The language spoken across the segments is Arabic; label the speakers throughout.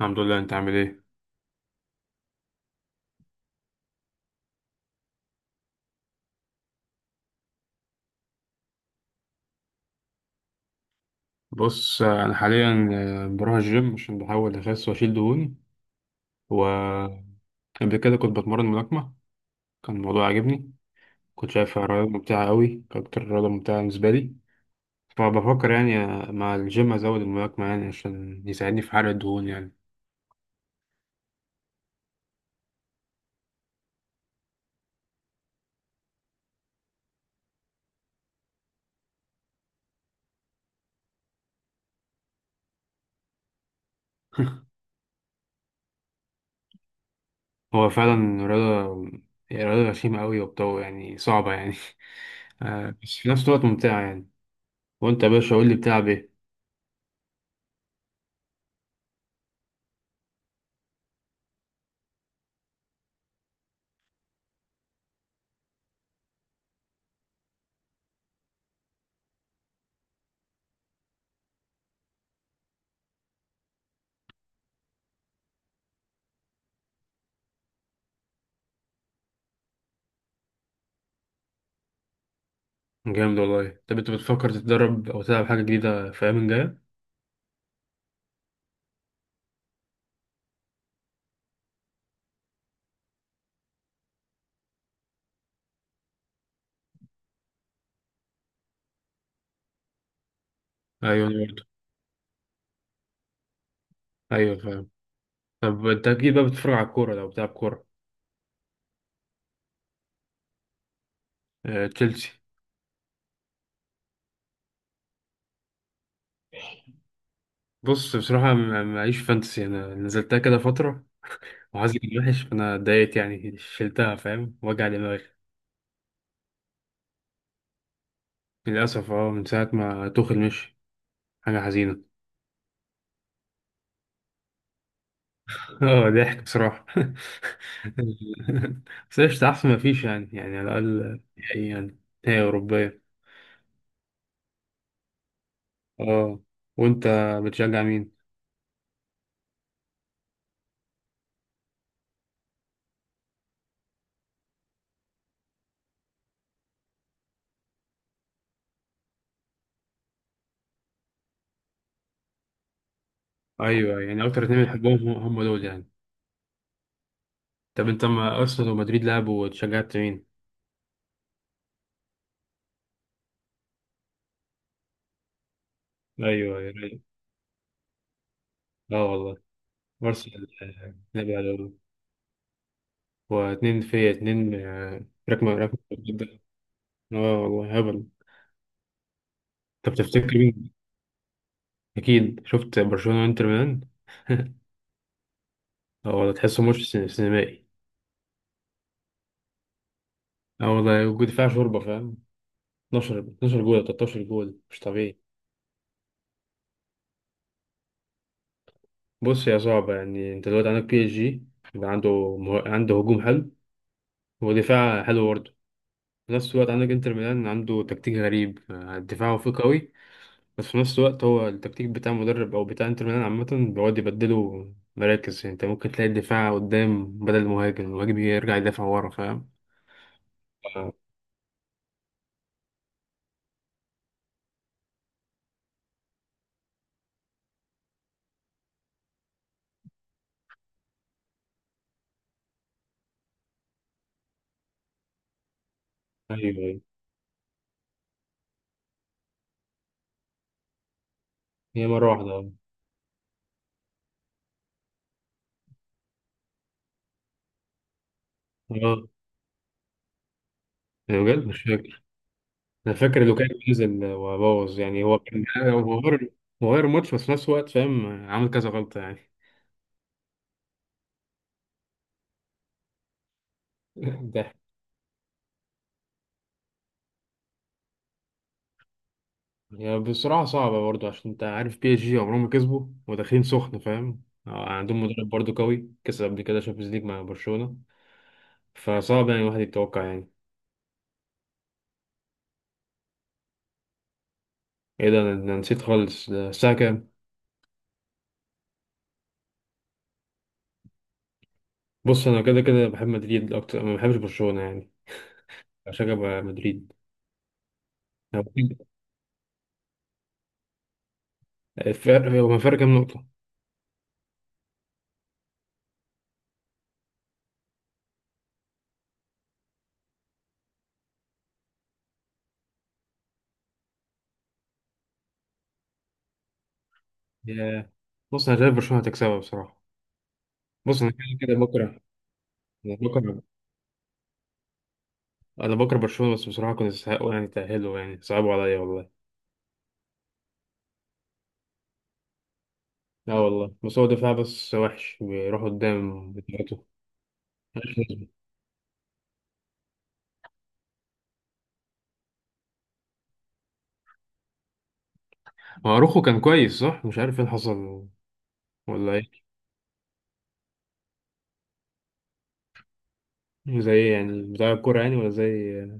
Speaker 1: الحمد لله. انت عامل ايه؟ بص، انا حاليا بروح الجيم عشان بحاول اخس واشيل دهوني. وقبل كده كنت بتمرن ملاكمه. كان الموضوع عاجبني. كنت شايفها رياضه ممتعه قوي، كانت اكتر رياضه ممتعه بالنسبه لي. فبفكر يعني مع الجيم ازود الملاكمه يعني عشان يساعدني في حرق الدهون يعني. هو فعلا رياضه، هي رياضه غشيمه قوي وبتو يعني صعبه يعني. بس في نفس الوقت ممتعه يعني. وانت يا باشا قول لي بتلعب ايه؟ جامد والله. طب انت بتفكر تتدرب او تلعب حاجه جديده في الايام الجايه؟ ايوه، أنا برضه. ايوه فاهم. طب انت اكيد بقى بتتفرج على الكوره لو بتلعب كوره. تشيلسي. بص بصراحه معيش فانتسي، انا نزلتها كده فتره وحظي كان وحش، فانا اتضايقت يعني شلتها فاهم وجع دماغي. للاسف اه، من ساعه ما توخل مشي. حاجه حزينه. اه، ضحك بصراحه. بس قشطة، احسن ما فيش يعني على الاقل نهائي يعني. نهائي اوروبيه. اه. وانت بتشجع مين؟ ايوه يعني اكتر اتنين بتحبهم هم هم دول يعني. طب انت ما ارسنال ومدريد لعبوا وشجعت مين؟ ايوه، ايوه. اه والله. ارسنال نبي على الله. واتنين في اتنين. ركمة ركمة جدا. اه والله هبل. طب تفتكر مين؟ اكيد شفت برشلونة وانتر ميلان. اه والله تحسه ماتش سينمائي. اه والله، ودفاع شوربة فاهم. 12 12 جول 13 جول مش طبيعي. بص يا صعبة يعني، انت دلوقتي عندك بي اس جي، يبقى عنده عنده هجوم حلو ودفاع حلو برضه. في نفس الوقت عندك انتر ميلان، عنده تكتيك غريب. دفاعه فيه قوي، بس في نفس الوقت هو التكتيك بتاع مدرب او بتاع انتر ميلان عامه، بيقعد يبدلوا مراكز. يعني انت ممكن تلاقي الدفاع قدام بدل المهاجم، المهاجم يرجع يدافع ورا فاهم. آه، ايوه، ايوه. هي مره واحده اه. آه، يعني بجد مش فاكر. انا فاكر لو كان نزل وبوظ يعني، هو كان هو غير. هو غير الماتش، بس في نفس الوقت فاهم عامل كذا غلطه يعني. ده، هي بصراحه صعبه برضه عشان انت عارف بي اس جي عمرهم ما كسبوا وداخلين سخن فاهم. عندهم مدرب برضه قوي، كسب قبل كده شامبيونز ليج مع برشلونه. فصعب يعني الواحد يتوقع يعني. ايه ده، أنا نسيت خالص، ده الساعة كام؟ بص انا كده كده بحب مدريد اكتر، ما بحبش برشلونة يعني، عشان بقى مدريد. هو هو الفرق كام نقطة. يا بص انا شايف برشلونة هتكسبها بصراحة. بص انا كده كده بكره، انا بكره انا بكره برشلونة، بس بصراحة كنت يستحقوا يعني، تأهلوا يعني، صعبوا عليا والله. لا والله، بس هو دفاع بس وحش بيروح قدام بتاعته. هو روخو كان كويس صح، مش عارف ايه اللي حصل. ولا ايه زي يعني بتاع الكورة يعني ولا زي.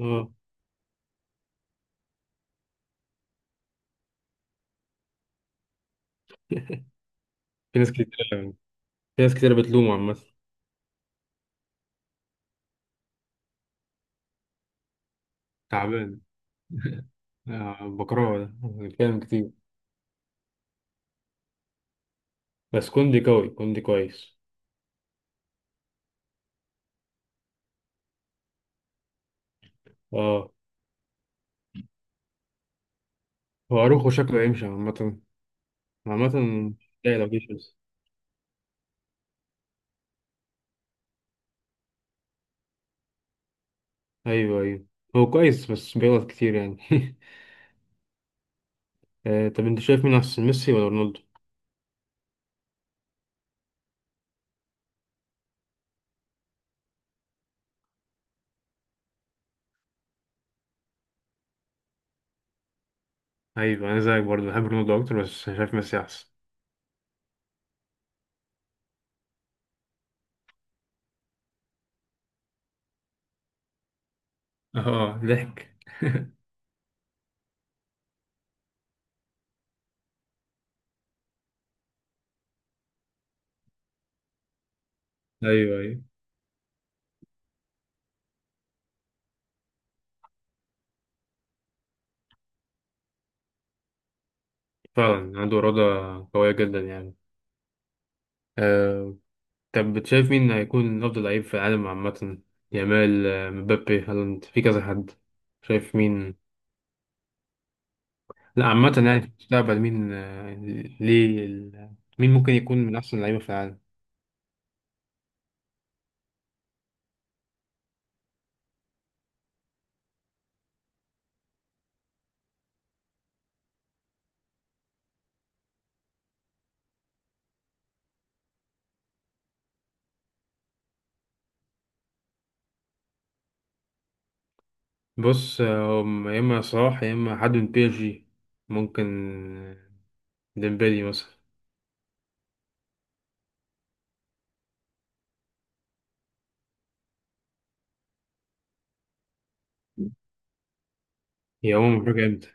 Speaker 1: اه، في ناس كتير في ناس كتير بتلومه عامة. تعبان. بكرهه ده بيتكلم كتير. بس كوندي قوي، كوندي كويس. اه. هو اروخو شكله يمشي عامة عامة. لا لو جه شمس. ايوه، ايوه. هو كويس بس بيغلط كتير يعني. طب انت شايف مين احسن، ميسي ولا رونالدو؟ ايوه، انا زيك برضه بحب رونالدو اكتر، بس شايف ميسي احسن. اه ضحك. ايوه، ايوه. فعلا عنده إرادة قوية جدا يعني. آه، طب بتشايف مين هيكون أفضل لعيب في العالم عامة؟ يامال، مبابي، هالاند، في كذا حد. شايف مين؟ لا عامة يعني في المستقبل مين. ليه مين ممكن يكون من أحسن اللعيبة في العالم؟ بص، هم يا إما صلاح يا إما حد من بي إس جي ممكن. آه، ديمبلي مثلا. يا هو، مفاجأة إمتى؟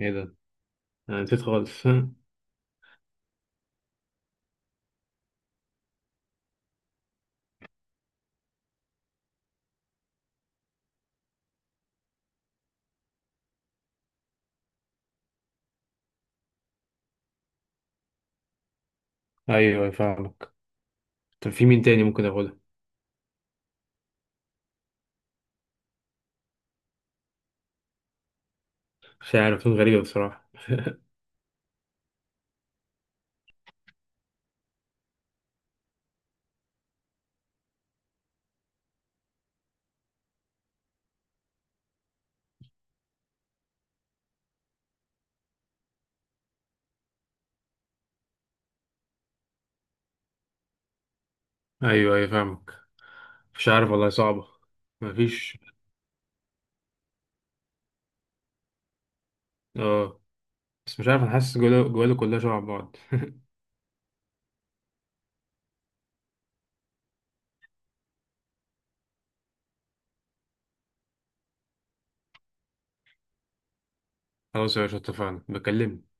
Speaker 1: إيه ده؟ أنا نسيت خالص. أيوه، أيوه فاهمك. طب في مين تاني ممكن أقوله؟ مش عارف، غريبة بصراحة. أيوه، أيوه فاهمك. مش عارف والله، صعبة. مفيش اه. بس مش عارف، انا حاسس جواله جواله كلها شبه بعض. خلاص يا باشا، اتفقنا بكلمك.